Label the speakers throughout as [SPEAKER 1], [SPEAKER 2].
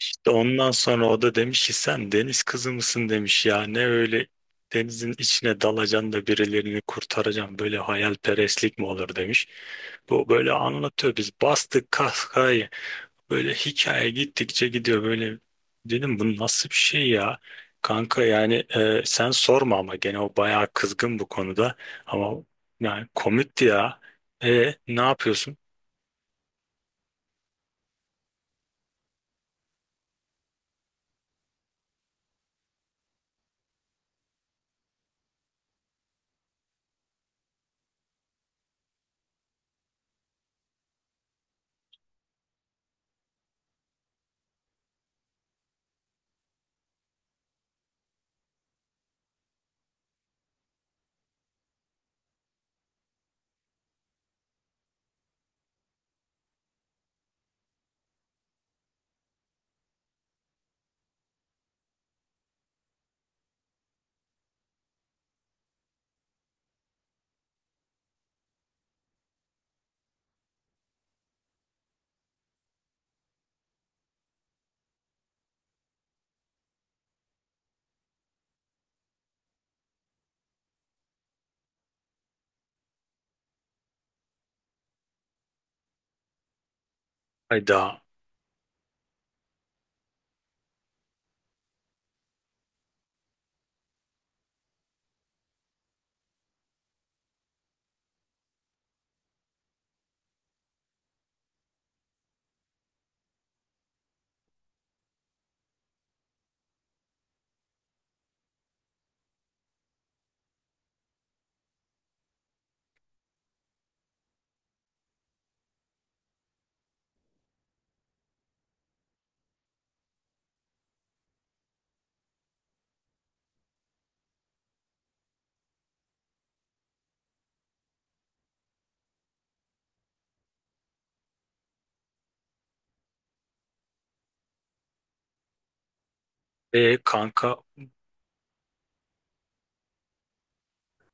[SPEAKER 1] İşte ondan sonra o da demiş ki sen deniz kızı mısın demiş, ya ne öyle denizin içine dalacaksın da birilerini kurtaracaksın, böyle hayalperestlik mi olur demiş. Bu böyle anlatıyor, biz bastık kahkahayı, böyle hikaye gittikçe gidiyor, böyle dedim bu nasıl bir şey ya. Kanka yani sen sorma, ama gene o bayağı kızgın bu konuda, ama yani komikti ya. E ne yapıyorsun? Hayda. E kanka.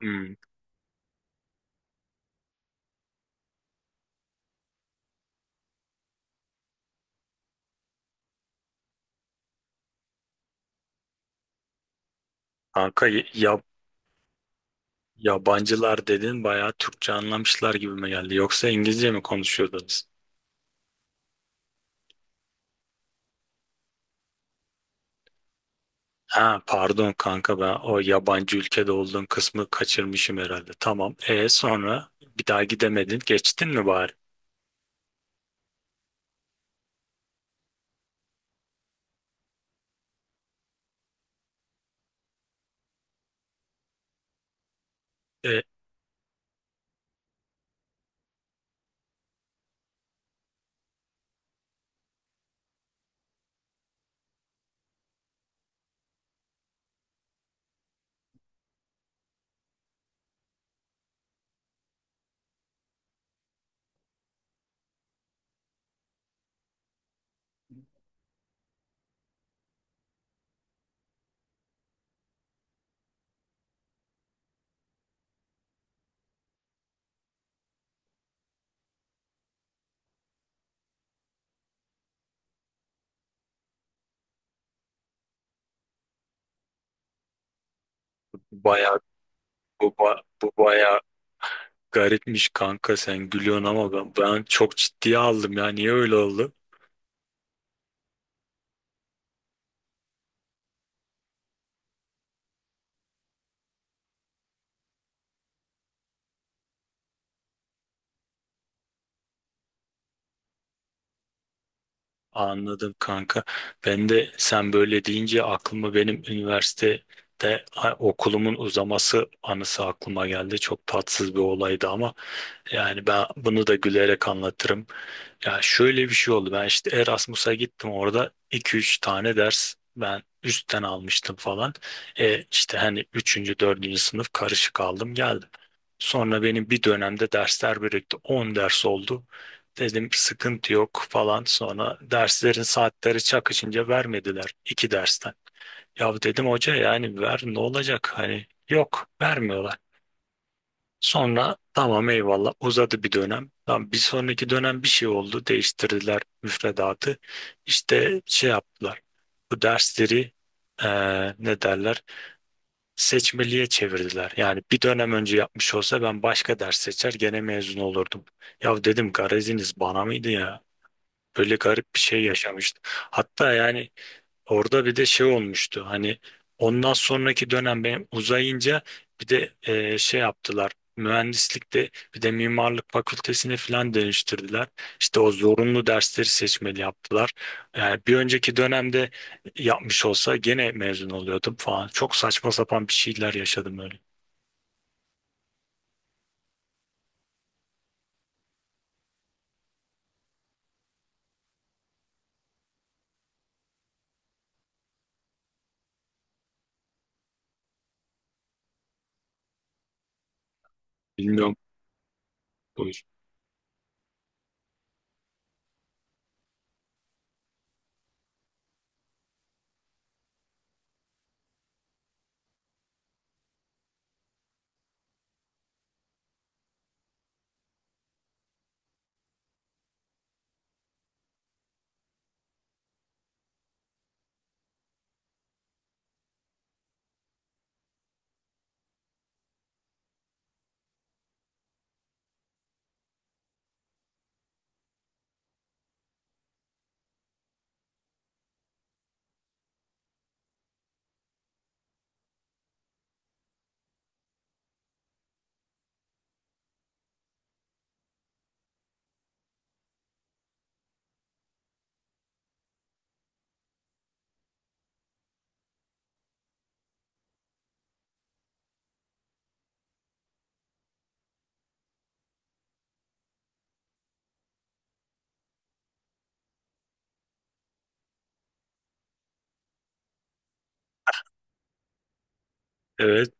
[SPEAKER 1] Hmm, kanka ya, yabancılar dedin, bayağı Türkçe anlamışlar gibi mi geldi? Yoksa İngilizce mi konuşuyordunuz? Ha pardon kanka, ben o yabancı ülkede olduğun kısmı kaçırmışım herhalde. Tamam. E sonra bir daha gidemedin. Geçtin mi bari? E, Bayağı bu bayağı garipmiş kanka, sen gülüyorsun ama ben çok ciddiye aldım ya. Niye öyle oldu? Anladım kanka. Ben de sen böyle deyince aklıma benim üniversitede okulumun uzaması anısı aklıma geldi. Çok tatsız bir olaydı ama yani ben bunu da gülerek anlatırım. Ya şöyle bir şey oldu. Ben işte Erasmus'a gittim, orada iki üç tane ders ben üstten almıştım falan. E işte hani üçüncü dördüncü sınıf karışık aldım geldim. Sonra benim bir dönemde dersler birikti. 10 ders oldu. Dedim sıkıntı yok falan. Sonra derslerin saatleri çakışınca vermediler iki dersten. Ya dedim hoca yani ver ne olacak hani, yok, vermiyorlar. Sonra tamam eyvallah, uzadı bir dönem. Tamam, bir sonraki dönem bir şey oldu. Değiştirdiler müfredatı. İşte şey yaptılar. Bu dersleri ne derler? Seçmeliğe çevirdiler. Yani bir dönem önce yapmış olsa ben başka ders seçer gene mezun olurdum. Ya dedim gareziniz bana mıydı ya? Böyle garip bir şey yaşamıştı. Hatta yani orada bir de şey olmuştu hani, ondan sonraki dönem benim uzayınca bir de şey yaptılar mühendislikte, bir de mimarlık fakültesini falan değiştirdiler. İşte o zorunlu dersleri seçmeli yaptılar. Yani bir önceki dönemde yapmış olsa gene mezun oluyordum falan. Çok saçma sapan bir şeyler yaşadım öyle. Bilmiyorum. Bu- Evet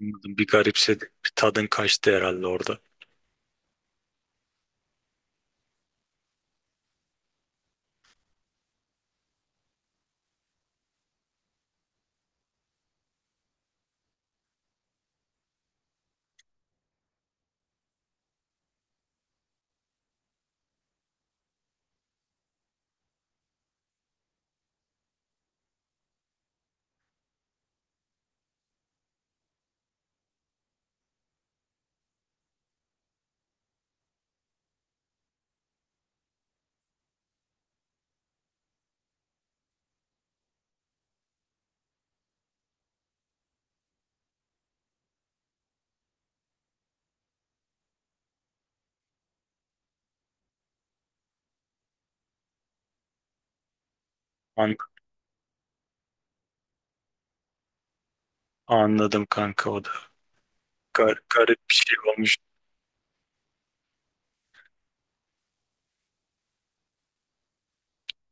[SPEAKER 1] anladım, bir garipsedim, bir tadın kaçtı herhalde orada. An Anladım kanka, o da... Garip bir şey olmuş.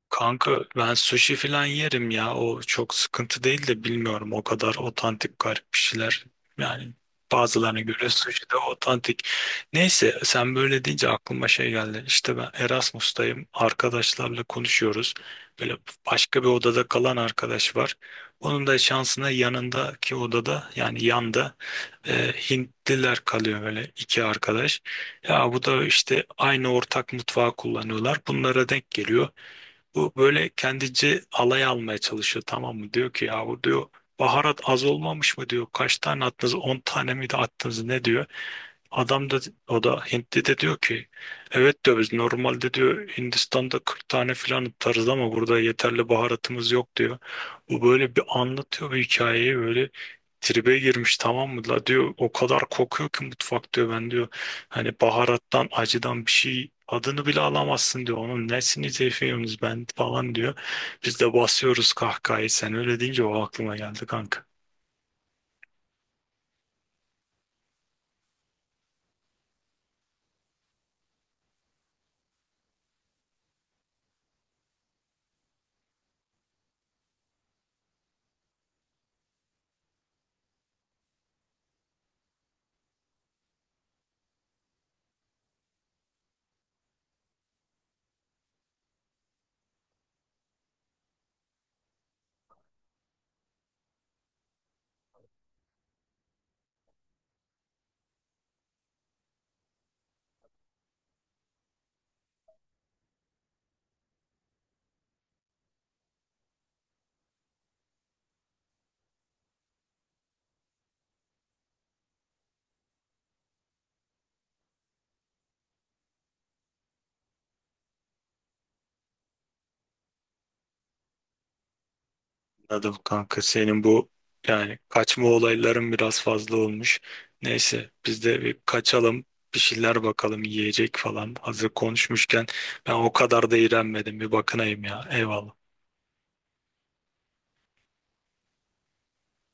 [SPEAKER 1] Kanka ben sushi falan yerim ya. O çok sıkıntı değil de bilmiyorum, o kadar otantik garip bir şeyler. Yani bazılarına göre sushi de otantik. Neyse sen böyle deyince aklıma şey geldi. İşte ben Erasmus'tayım, arkadaşlarla konuşuyoruz. Böyle başka bir odada kalan arkadaş var. Onun da şansına yanındaki odada, yani yanda Hintliler kalıyor, böyle iki arkadaş. Ya bu da işte aynı ortak mutfağı kullanıyorlar, bunlara denk geliyor. Bu böyle kendince alay almaya çalışıyor, tamam mı? Diyor ki ya, bu diyor baharat az olmamış mı diyor. Kaç tane attınız? 10 tane miydi attınız ne diyor. Adam da, o da Hintli de diyor ki evet diyor, biz normalde diyor Hindistan'da 40 tane filan atarız ama burada yeterli baharatımız yok diyor. Bu böyle bir anlatıyor bu hikayeyi, böyle tribe girmiş tamam mı, la diyor o kadar kokuyor ki mutfak diyor, ben diyor hani baharattan acıdan bir şey adını bile alamazsın diyor, onun nesini zayıfıyorsunuz ben falan diyor, biz de basıyoruz kahkahayı. Sen öyle deyince o aklıma geldi kanka. Anladım kanka, senin bu yani kaçma olayların biraz fazla olmuş. Neyse biz de bir kaçalım, bir şeyler bakalım yiyecek falan. Hazır konuşmuşken ben o kadar da iğrenmedim, bir bakınayım ya, eyvallah.